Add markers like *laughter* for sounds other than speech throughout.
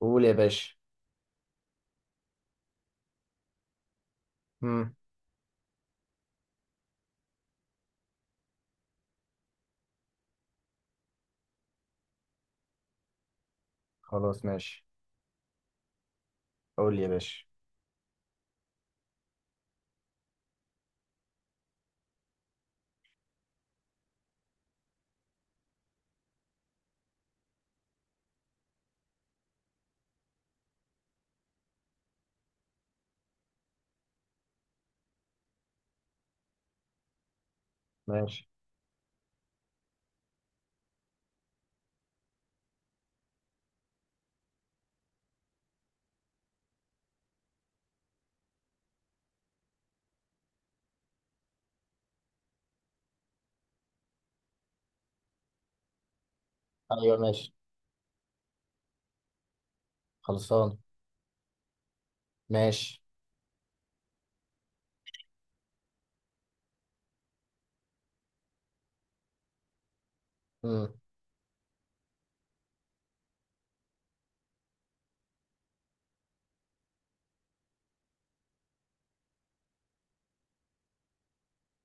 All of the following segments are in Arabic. قول يا باشا. امم. خلاص، ماشي. قول يا باشا. ماشي. ايوه، ماشي. خلصان. ماشي. امم.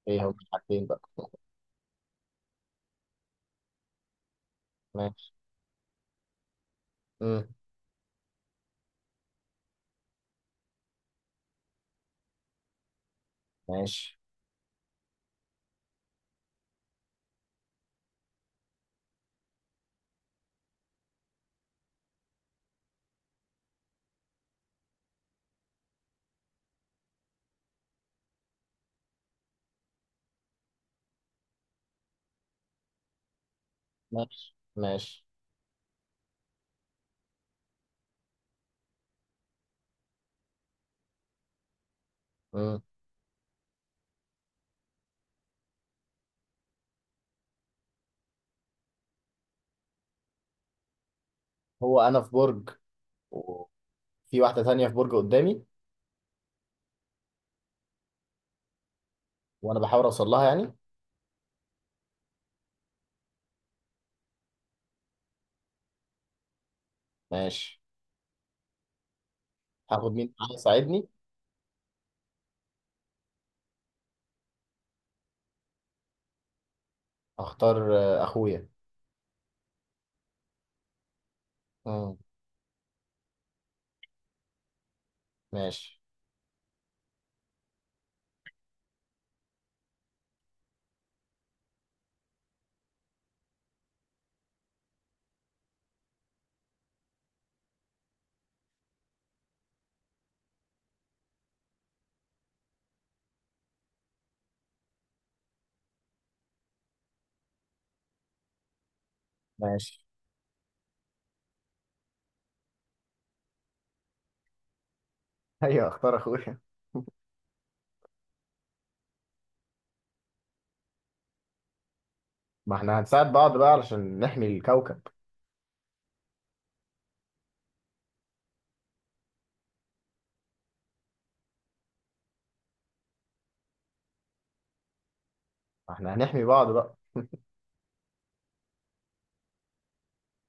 ايه هو حاجتين بقى؟ ماشي. امم. ماشي. ماشي. ماشي. امم. هو انا في برج، وفي واحده تانية في برج قدامي؟ وانا بحاول اوصل لها يعني. ماشي. هاخد مين معايا يساعدني؟ اختار اخويا. امم. ماشي. ماشي. *laughs* ايوه، اختار اخويا. ما احنا هنساعد بعض بقى علشان نحمي الكوكب. ما احنا هنحمي بعض بقى.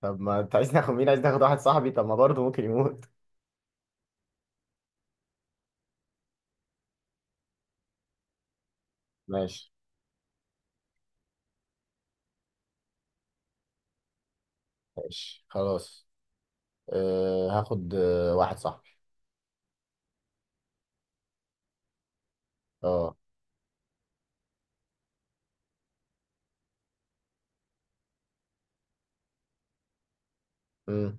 طب ما انت عايز ناخد مين؟ عايز ناخد واحد صاحبي؟ طب، ما برضه ممكن يموت. ماشي، ماشي، خلاص. أه، هاخد واحد صاحبي. اه. امم.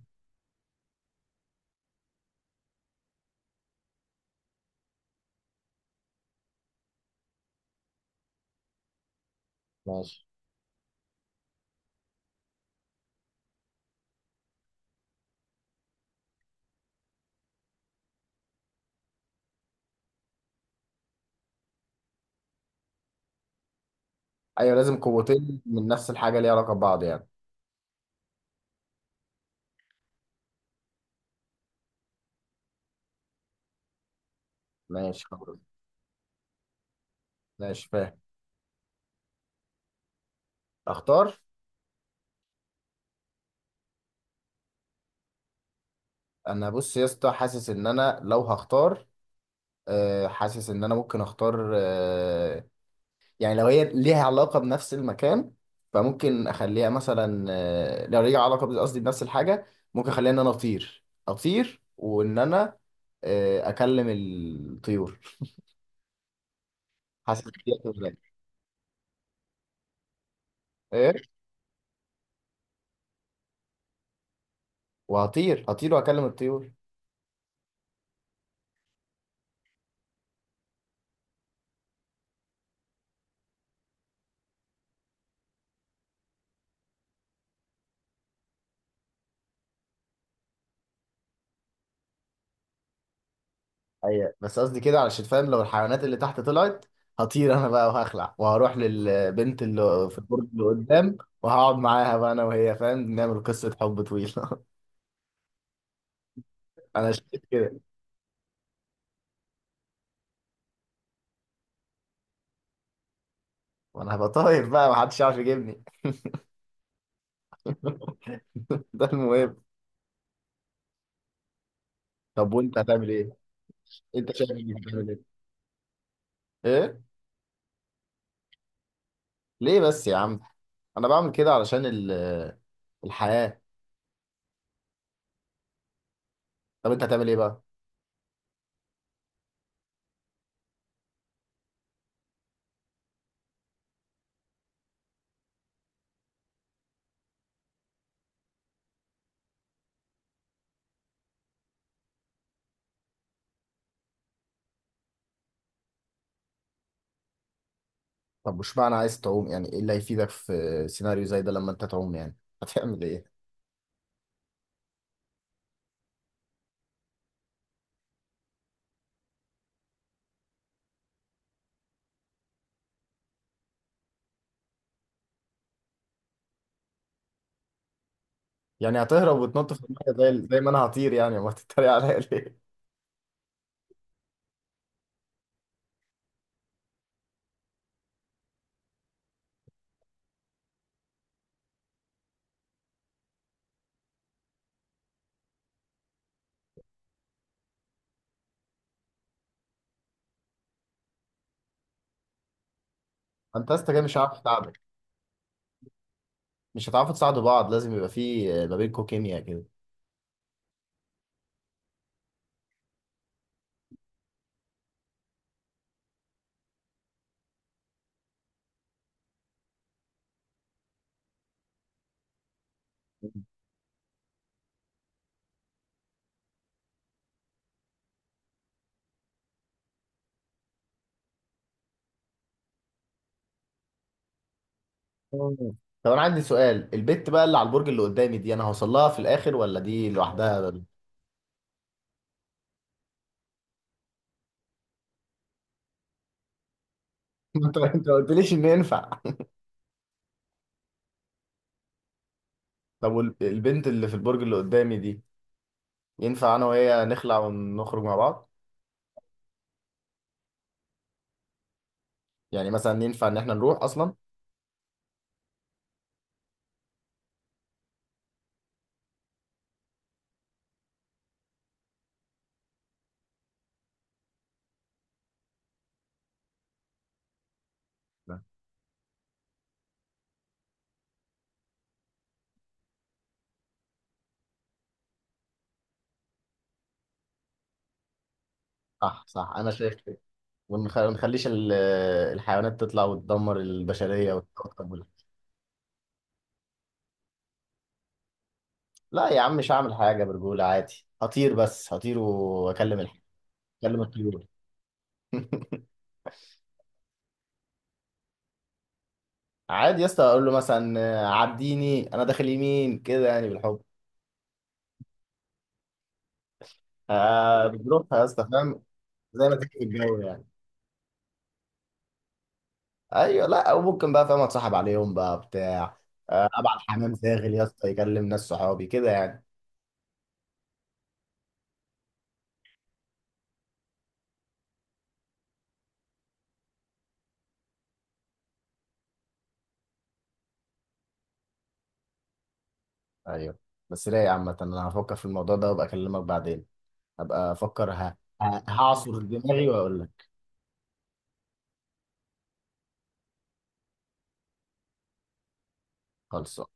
ماشي. ايوه، لازم قوتين من نفس الحاجه، ليها علاقه ببعض يعني. ماشي، خلاص. ماشي، فاهم. اختار. انا بص يا اسطى، حاسس ان انا لو هختار، حاسس ان انا ممكن اختار، يعني لو هي ليها علاقة بنفس المكان، فممكن أخليها مثلا، لو ليها علاقة قصدي بنفس الحاجة. ممكن أخليها إن أنا أطير أطير، وإن أنا أكلم الطيور. حاسس إن دي هتبقى ذكية. إيه؟ وهطير هطير وأكلم الطيور. أيوة، بس قصدي كده علشان فاهم، لو الحيوانات اللي تحت طلعت، هطير أنا بقى، وهخلع، وهروح للبنت اللي في البرج اللي قدام. وهقعد معاها بقى أنا وهي، فاهم، نعمل قصة حب طويلة. *laughs* أنا شايف كده. وأنا هبقى طاير بقى، محدش يعرف يجيبني. *laughs* ده المهم. طب وانت هتعمل ايه؟ انت شايف انك هتعمل ايه؟ ايه؟ ليه بس يا عم؟ انا بعمل كده علشان الحياة. طب انت هتعمل ايه بقى؟ طب، مش معنى عايز تعوم، يعني ايه اللي هيفيدك في سيناريو زي ده لما انت تعوم يعني؟ هتعمل ايه؟ يعني هتهرب وتنط في المية، زي ما انا هطير يعني، امال تتريق عليا *laughs* ليه؟ انت يا اسطى كده مش هعرف اساعدك. مش هتعرفوا تساعدوا بعض، لازم يبقى في ما بينكم كيمياء كده. مم. طب انا عندي سؤال، البت بقى اللي على البرج اللي قدامي دي، انا هوصل لها في الاخر ولا دي لوحدها؟ *laughs* انت ما قلتليش ان ينفع. طب، والبنت اللي في البرج اللي قدامي دي، ينفع انا وهي نخلع ونخرج مع بعض؟ يعني مثلا ينفع ان احنا نروح اصلا؟ لا. صح، صح، انا شايف كده. ونخليش الحيوانات تطلع وتدمر البشرية والكوكب. لا يا عم، مش هعمل حاجة، برجولة عادي، هطير، بس هطير واكلم الح... اكلم الطيور. عادي يا اسطى، اقول له مثلا عديني انا داخل يمين كده، يعني بالحب. آه، بتروح يا اسطى، فاهم؟ زي ما تيجي في الجو يعني. ايوه. لا، وممكن بقى، فاهم، اتصاحب عليهم بقى، بتاع، ابعت حمام زاغل يا اسطى، يكلم ناس صحابي كده يعني. ايوه، بس رايق عامة. انا هفكر في الموضوع ده وابقى اكلمك بعدين. هبقى افكر، هعصر دماغي واقول لك. خلصان.